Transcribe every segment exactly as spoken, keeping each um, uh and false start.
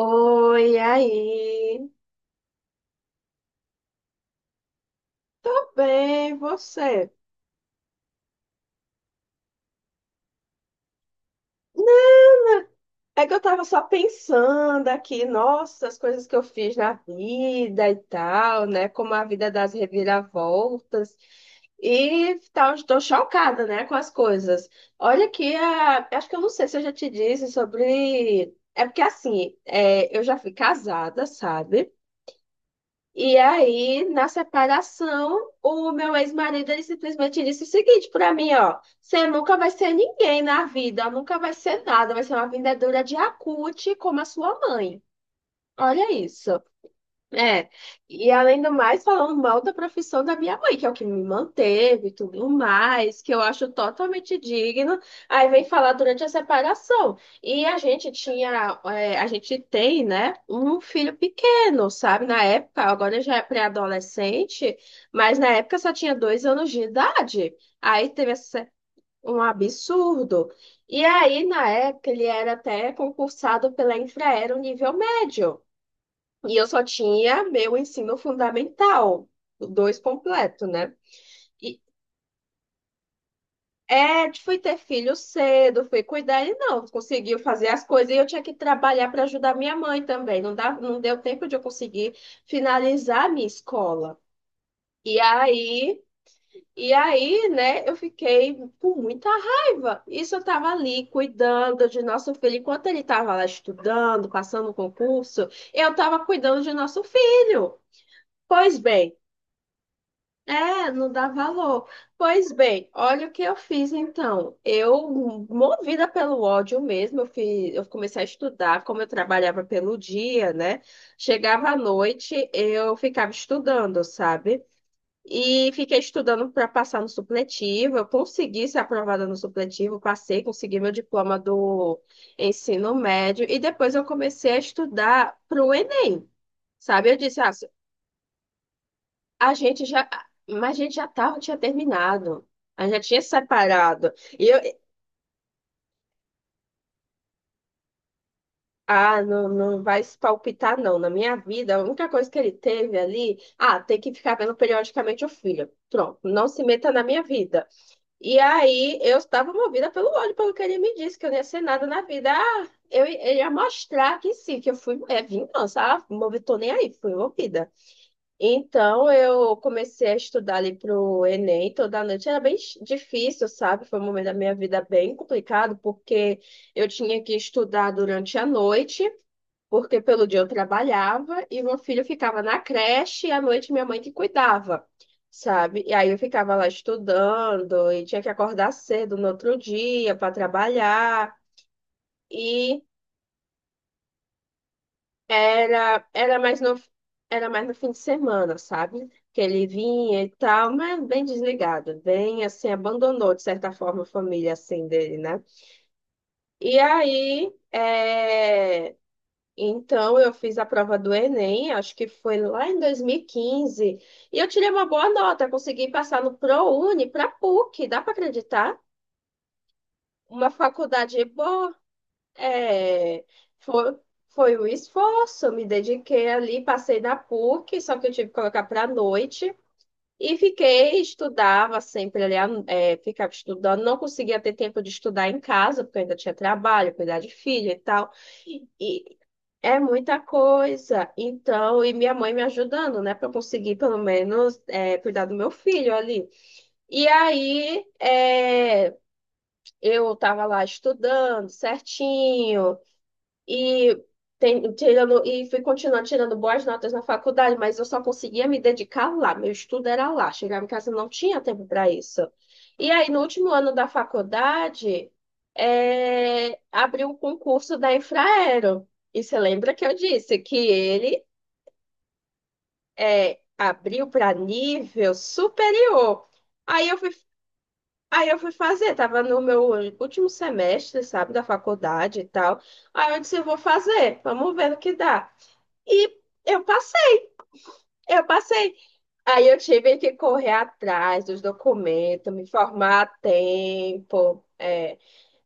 Oi, aí. Tô bem, e você? É que eu tava só pensando aqui, nossa, as coisas que eu fiz na vida e tal, né? Como a vida das reviravoltas. E tal, estou chocada, né, com as coisas. Olha que a, acho que eu não sei se eu já te disse sobre. É porque assim, é, eu já fui casada, sabe? E aí, na separação, o meu ex-marido ele simplesmente disse o seguinte para mim, ó, você nunca vai ser ninguém na vida, nunca vai ser nada, vai ser uma vendedora de acute como a sua mãe. Olha isso. É, e além do mais, falando mal da profissão da minha mãe, que é o que me manteve e tudo mais, que eu acho totalmente digno. Aí vem falar durante a separação. E a gente tinha, é, a gente tem, né, um filho pequeno, sabe? Na época, agora já é pré-adolescente, mas na época só tinha dois anos de idade. Aí teve essa- Um absurdo. E aí, na época, ele era até concursado pela Infraero nível médio. E eu só tinha meu ensino fundamental, o dois completo, né? E é, fui ter filho cedo, fui cuidar, ele não conseguiu fazer as coisas e eu tinha que trabalhar para ajudar minha mãe também. Não dá, não deu tempo de eu conseguir finalizar a minha escola. E aí, e aí, né, eu fiquei com muita raiva. Isso eu tava ali cuidando de nosso filho, enquanto ele tava lá estudando, passando o concurso, eu tava cuidando de nosso filho. Pois bem. É, não dá valor. Pois bem, olha o que eu fiz então. Eu, movida pelo ódio mesmo, eu fiz, eu comecei a estudar, como eu trabalhava pelo dia, né? Chegava à noite, eu ficava estudando, sabe? E fiquei estudando para passar no supletivo. Eu consegui ser aprovada no supletivo, passei, consegui meu diploma do ensino médio. E depois eu comecei a estudar para o Enem. Sabe, eu disse, ah, a gente já, mas a gente já tava, tinha terminado. A gente já tinha separado. E eu, ah, não, não vai se palpitar, não. Na minha vida, a única coisa que ele teve ali, ah, tem que ficar vendo periodicamente o filho. Pronto, não se meta na minha vida. E aí eu estava movida pelo ódio, pelo que ele me disse, que eu não ia ser nada na vida. Ah, eu, ele ia mostrar que sim, que eu fui, é vingança. Ah, movi, tô nem aí, fui envolvida. Então, eu comecei a estudar ali pro Enem toda noite. Era bem ch- difícil, sabe? Foi um momento da minha vida bem complicado, porque eu tinha que estudar durante a noite, porque pelo dia eu trabalhava e meu filho ficava na creche e à noite minha mãe que cuidava, sabe? E aí eu ficava lá estudando e tinha que acordar cedo no outro dia para trabalhar. Era, era mais no, era mais no fim de semana, sabe? Que ele vinha e tal, mas bem desligado, bem assim, abandonou de certa forma a família assim dele, né? E aí, é, então eu fiz a prova do Enem, acho que foi lá em dois mil e quinze e eu tirei uma boa nota, consegui passar no ProUni, para PUC, dá para acreditar? Uma faculdade boa. É, foi, foi o esforço, me dediquei ali, passei na PUC, só que eu tive que colocar para a noite e fiquei, estudava sempre ali, é, ficava estudando, não conseguia ter tempo de estudar em casa, porque eu ainda tinha trabalho, cuidar de filho e tal. E é muita coisa. Então, e minha mãe me ajudando, né, para eu conseguir pelo menos é, cuidar do meu filho ali. E aí, é, eu estava lá estudando certinho. E, tem, tirando, e fui continuar tirando boas notas na faculdade, mas eu só conseguia me dedicar lá. Meu estudo era lá. Chegava em casa, não tinha tempo para isso. E aí, no último ano da faculdade, é, abriu o concurso da Infraero. E você lembra que eu disse que ele é, abriu para nível superior. Aí eu fui, aí eu fui fazer, tava no meu último semestre, sabe, da faculdade e tal. Aí eu disse, eu vou fazer, vamos ver no que dá. E eu passei, eu passei. Aí eu tive que correr atrás dos documentos, me formar a tempo. É.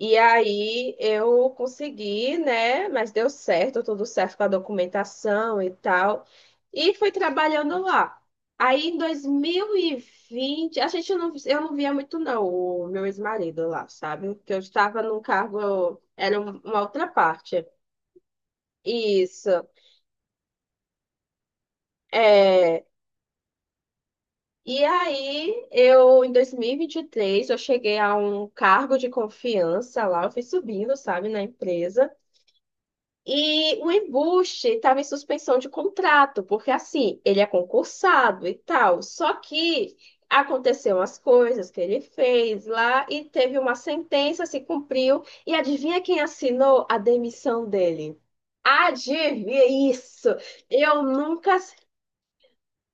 E aí eu consegui, né? Mas deu certo, tudo certo com a documentação e tal. E fui trabalhando lá. Aí em dois mil e vinte a gente não, eu não via muito não o meu ex-marido lá, sabe? Porque eu estava num cargo, era um, uma outra parte. Isso. É. E aí, eu, em dois mil e e vinte e três eu cheguei a um cargo de confiança lá, eu fui subindo, sabe, na empresa. E o embuste estava em suspensão de contrato, porque assim, ele é concursado e tal. Só que aconteceu umas coisas que ele fez lá e teve uma sentença, se cumpriu. E adivinha quem assinou a demissão dele? Adivinha isso? Eu nunca,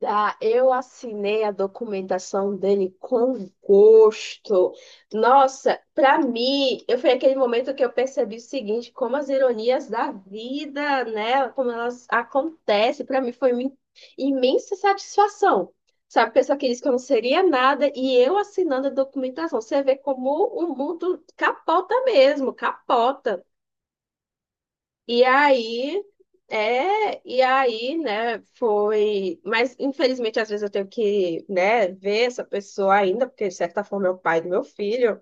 ah, eu assinei a documentação dele com gosto. Nossa, para mim, eu foi aquele momento que eu percebi o seguinte, como as ironias da vida, né, como elas acontecem, para mim foi uma imensa satisfação. Sabe, pessoa que disse que eu não seria nada e eu assinando a documentação. Você vê como o mundo capota mesmo, capota. E aí, é, e aí, né, foi. Mas, infelizmente, às vezes eu tenho que, né, ver essa pessoa ainda, porque, de certa forma, é o pai do meu filho.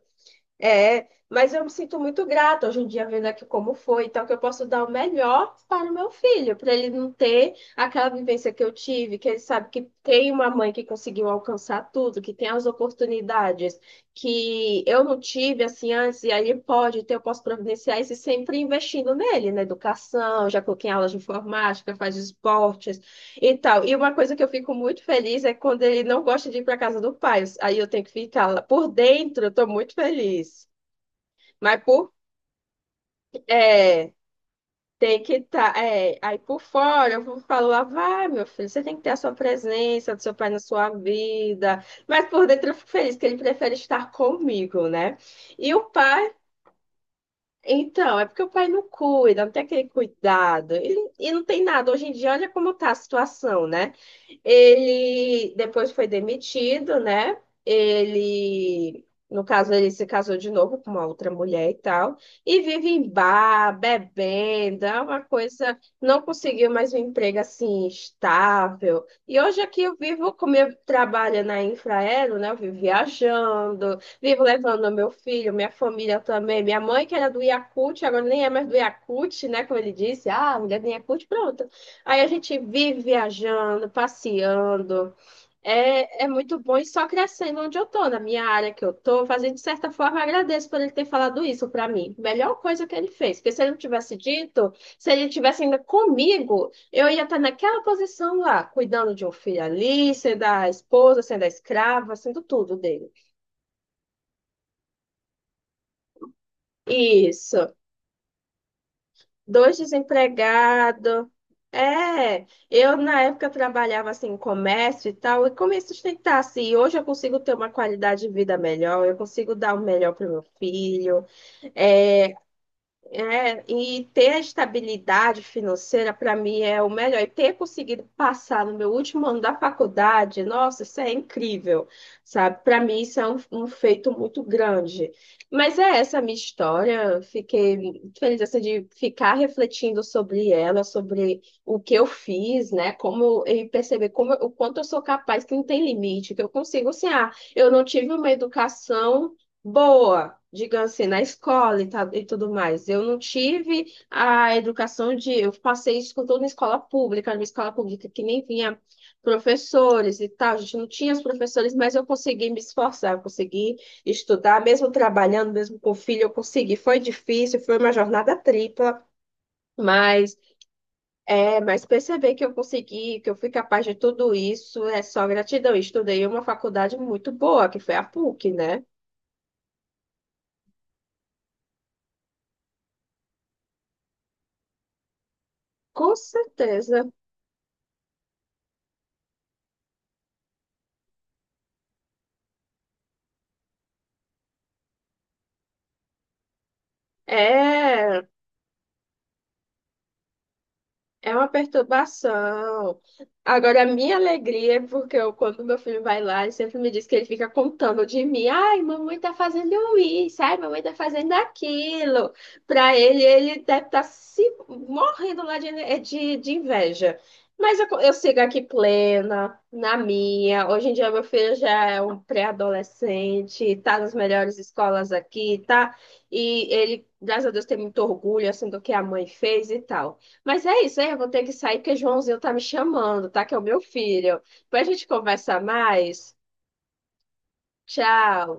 É, mas eu me sinto muito grata hoje em dia vendo aqui como foi, então que eu posso dar o melhor para o meu filho, para ele não ter aquela vivência que eu tive, que ele sabe que tem uma mãe que conseguiu alcançar tudo, que tem as oportunidades que eu não tive assim antes, e aí ele pode ter, eu posso providenciar isso e sempre investindo nele, na educação, já coloquei em aulas de informática, faz esportes e tal. E uma coisa que eu fico muito feliz é quando ele não gosta de ir para casa do pai, aí eu tenho que ficar lá por dentro, eu estou muito feliz. Mas por, é, Tem que estar. É, aí por fora, eu vou falar, vai, meu filho, você tem que ter a sua presença do seu pai na sua vida. Mas por dentro eu fico feliz que ele prefere estar comigo, né? E o pai. Então, é porque o pai não cuida, não tem aquele cuidado. Ele, e não tem nada. Hoje em dia, olha como está a situação, né? Ele depois foi demitido, né? Ele, no caso, ele se casou de novo com uma outra mulher e tal. E vive em bar, bebendo, é uma coisa. Não conseguiu mais um emprego assim estável. E hoje aqui eu vivo, como eu trabalho na Infraero, né? Eu vivo viajando, vivo levando meu filho, minha família também. Minha mãe, que era do Yakult, agora nem é mais do Yakult, né? Como ele disse, ah, a mulher do Yakult, pronto. Aí a gente vive viajando, passeando. É, é muito bom e só crescendo onde eu tô, na minha área que eu tô, fazendo de certa forma, agradeço por ele ter falado isso pra mim. Melhor coisa que ele fez, porque se ele não tivesse dito, se ele tivesse ainda comigo, eu ia estar naquela posição lá, cuidando de um filho ali, sendo a esposa, sendo a escrava, sendo tudo dele. Isso. Dois desempregados. É, eu na época trabalhava assim em comércio e tal, e como me sustentar assim. Hoje eu consigo ter uma qualidade de vida melhor, eu consigo dar o melhor para o meu filho. é, é, e ter a estabilidade financeira, para mim, é o melhor. E ter conseguido passar no meu último ano da faculdade, nossa, isso é incrível, sabe? Para mim, isso é um, um feito muito grande. Mas é essa a minha história. Fiquei muito feliz assim, de ficar refletindo sobre ela, sobre o que eu fiz, né? Como eu- e perceber como, eu- o quanto eu sou capaz, que não tem limite, que eu consigo, assim, ah, eu não tive uma educação boa, digamos assim, na escola e, tal, e tudo mais. Eu não tive a educação de. Eu passei isso com tudo na escola pública, na escola pública que nem vinha professores e tal. A gente não tinha os professores, mas eu consegui me esforçar, eu consegui estudar, mesmo trabalhando, mesmo com filho, eu consegui. Foi difícil, foi uma jornada tripla. Mas, é, mas perceber que eu consegui, que eu fui capaz de tudo isso, é só gratidão. Eu estudei em uma faculdade muito boa, que foi a PUC, né? Com certeza. É, é uma perturbação. Agora, a minha alegria é porque eu, quando meu filho vai lá, ele sempre me diz que ele fica contando de mim. Ai, mamãe tá fazendo isso, ai, mamãe tá fazendo aquilo. Pra ele, ele deve estar se morrendo lá de, é, de, de inveja. Mas eu, eu sigo aqui plena, na minha. Hoje em dia, meu filho já é um pré-adolescente, tá nas melhores escolas aqui, tá? E ele, graças a Deus, tem muito orgulho, assim, do que a mãe fez e tal. Mas é isso, aí eu vou ter que sair porque Joãozinho tá me chamando, tá? Que é o meu filho. Depois a gente conversa mais. Tchau.